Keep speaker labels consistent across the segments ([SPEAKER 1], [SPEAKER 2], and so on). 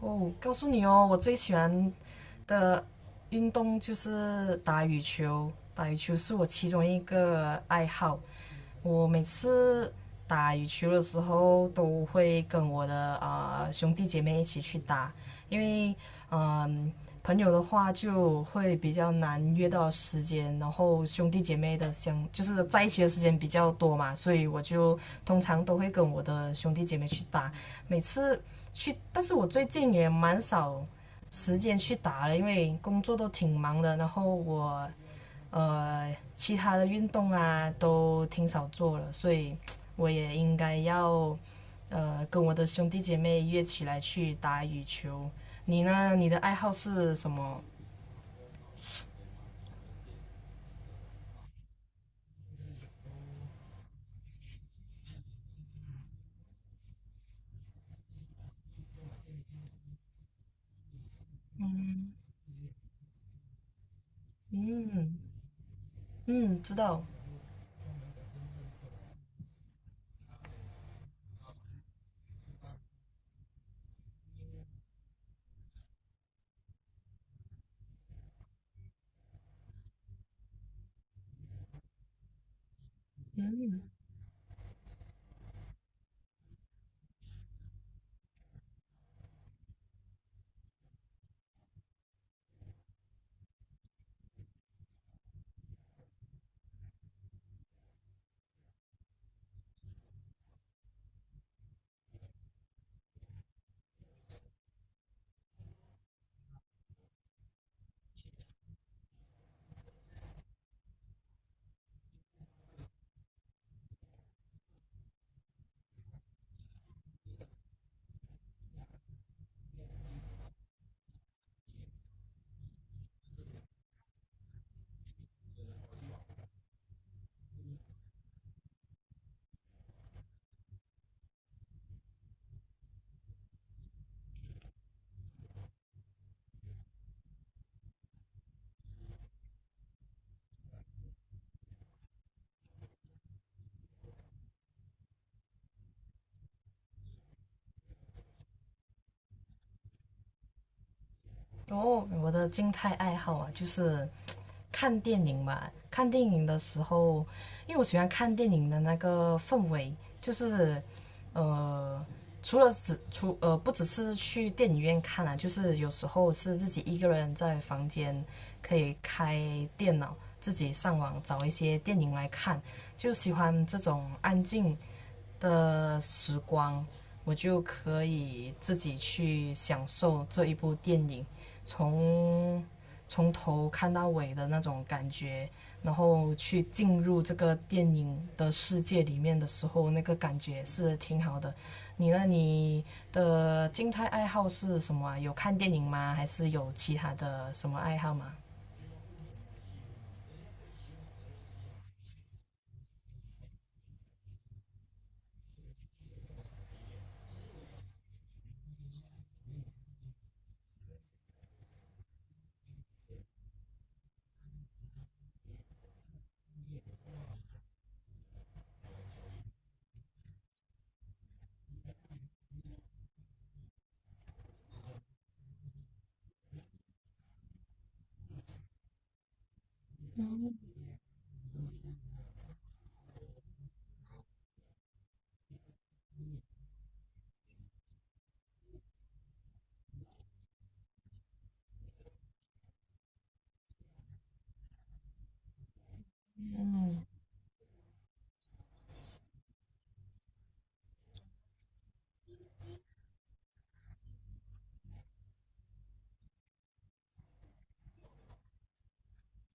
[SPEAKER 1] 哦，告诉你哦，我最喜欢的运动就是打羽球，打羽球是我其中一个爱好。我每次打羽球的时候都会跟我的兄弟姐妹一起去打，因为嗯、呃朋友的话就会比较难约到时间，然后兄弟姐妹的相就是在一起的时间比较多嘛，所以我就通常都会跟我的兄弟姐妹去打。每次去，但是我最近也蛮少时间去打了，因为工作都挺忙的，然后我其他的运动啊都挺少做了，所以我也应该要跟我的兄弟姐妹约起来去打羽球。你呢？你的爱好是什么？嗯嗯嗯，知道。哦，我的静态爱好啊，就是看电影嘛，看电影的时候，因为我喜欢看电影的那个氛围，就是呃，除了只除不只是去电影院看啊，就是有时候是自己一个人在房间可以开电脑，自己上网找一些电影来看，就喜欢这种安静的时光，我就可以自己去享受这一部电影，从从头看到尾的那种感觉，然后去进入这个电影的世界里面的时候，那个感觉是挺好的。你呢？你的静态爱好是什么啊？有看电影吗？还是有其他的什么爱好吗？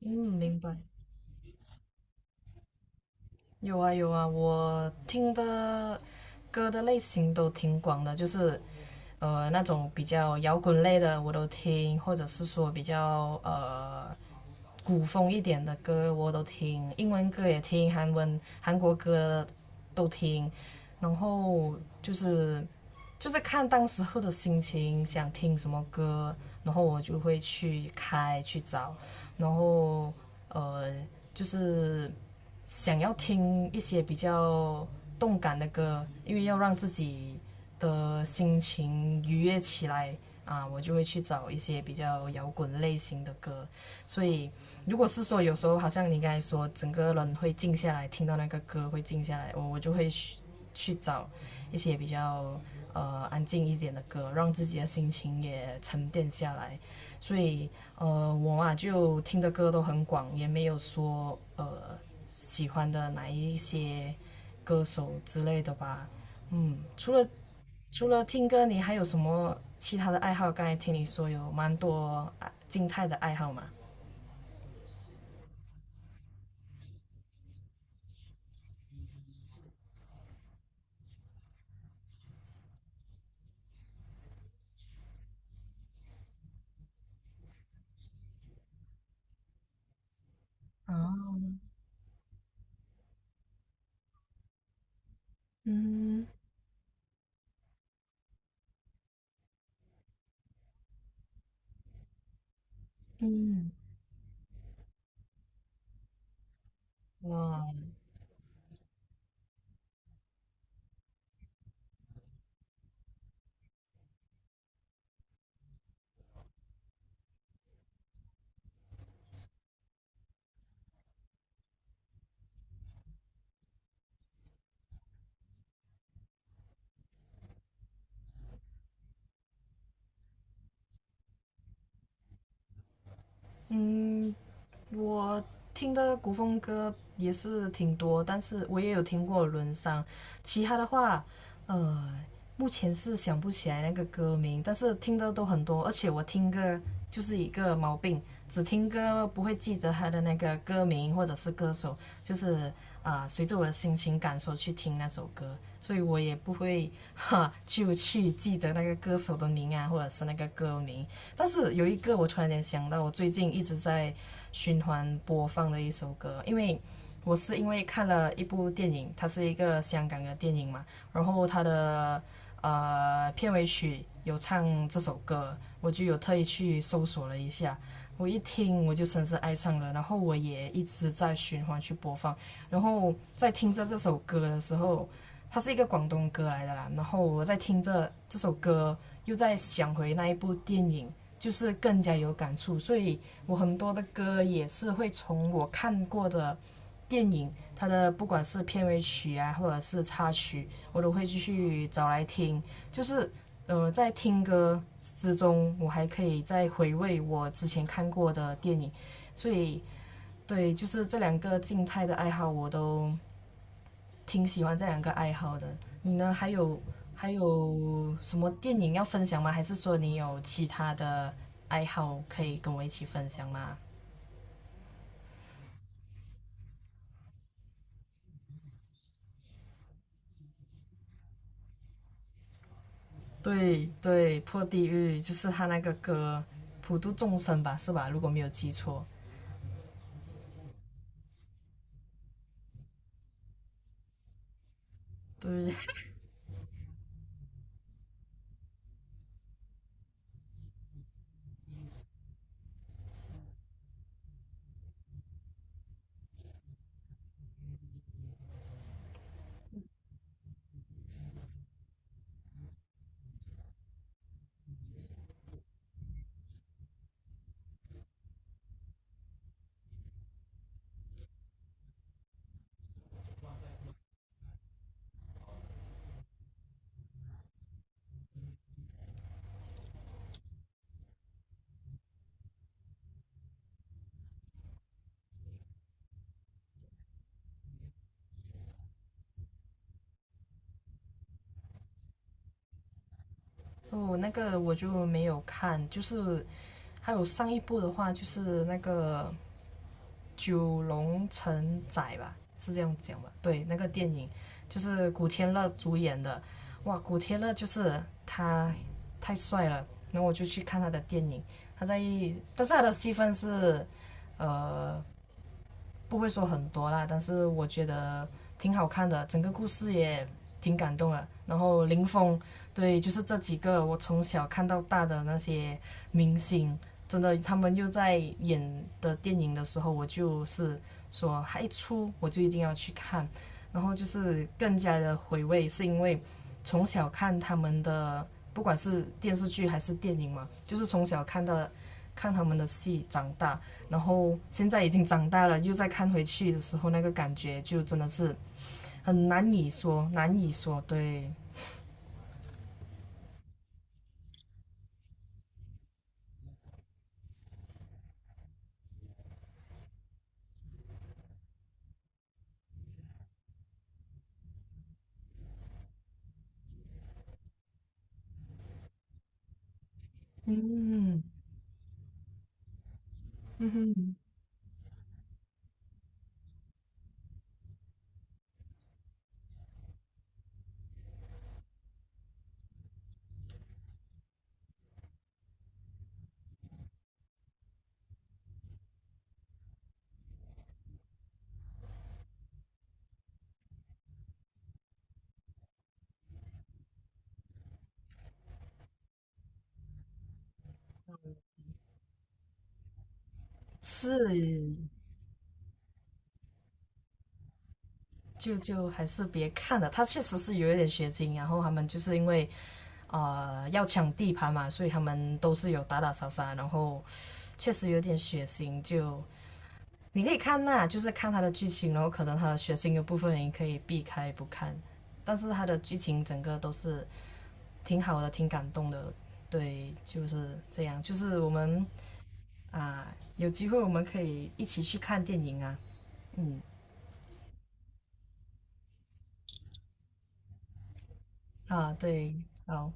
[SPEAKER 1] 嗯，明白。有啊有啊，我听的歌的类型都挺广的，就是那种比较摇滚类的我都听，或者是说比较古风一点的歌我都听，英文歌也听，韩文韩国歌都听，然后就是就是看当时候的心情，想听什么歌，然后我就会去开去找，然后呃就是想要听一些比较动感的歌，因为要让自己的心情愉悦起来啊，我就会去找一些比较摇滚类型的歌。所以，如果是说有时候好像你刚才说，整个人会静下来，听到那个歌会静下来，我就会去去找一些比较安静一点的歌，让自己的心情也沉淀下来。所以我啊就听的歌都很广，也没有说喜欢的哪一些歌手之类的吧。嗯，除了听歌，你还有什么其他的爱好？刚才听你说有蛮多啊静态的爱好嘛。哦，嗯嗯，哇，嗯，我听的古风歌也是挺多，但是我也有听过《轮商其他的话，呃，目前是想不起来那个歌名，但是听的都很多，而且我听歌就是一个毛病，只听歌不会记得他的那个歌名或者是歌手，就是随着我的心情感受去听那首歌，所以我也不会哈就去记得那个歌手的名啊，或者是那个歌名。但是有一个我突然间想到，我最近一直在循环播放的一首歌，因为我是因为看了一部电影，它是一个香港的电影嘛，然后它的片尾曲有唱这首歌，我就有特意去搜索了一下，我一听我就深深爱上了，然后我也一直在循环去播放，然后在听着这首歌的时候，它是一个广东歌来的啦，然后我在听着这首歌，又在想回那一部电影，就是更加有感触，所以我很多的歌也是会从我看过的电影，它的不管是片尾曲啊，或者是插曲，我都会继续找来听。就是在听歌之中，我还可以再回味我之前看过的电影，所以对，就是这两个静态的爱好，我都挺喜欢这两个爱好的。你呢？还有什么电影要分享吗？还是说你有其他的爱好可以跟我一起分享吗？对对，破地狱就是他那个歌，普度众生吧，是吧？如果没有记错，对哦，那个我就没有看，就是还有上一部的话，就是那个九龙城寨吧，是这样讲吧？对，那个电影就是古天乐主演的，哇，古天乐就是他太帅了，然后我就去看他的电影，他在，但是他的戏份是，呃。不会说很多啦，但是我觉得挺好看的，整个故事也挺感动的。然后林峰，对，就是这几个我从小看到大的那些明星，真的他们又在演的电影的时候，我就是说，还一出我就一定要去看，然后就是更加的回味，是因为从小看他们的，不管是电视剧还是电影嘛，就是从小看到看他们的戏长大，然后现在已经长大了，又再看回去的时候，那个感觉就真的是很难以说。对，是，就就还是别看了。他确实是有一点血腥啊，然后他们就是因为要抢地盘嘛，所以他们都是有打打杀杀，然后确实有点血腥。就你可以看那、就是看它的剧情，然后可能它的血腥的部分你可以避开不看，但是它的剧情整个都是挺好的，挺感动的。对，就是这样，就是我们啊、有机会我们可以一起去看电影啊。嗯，啊，对，好。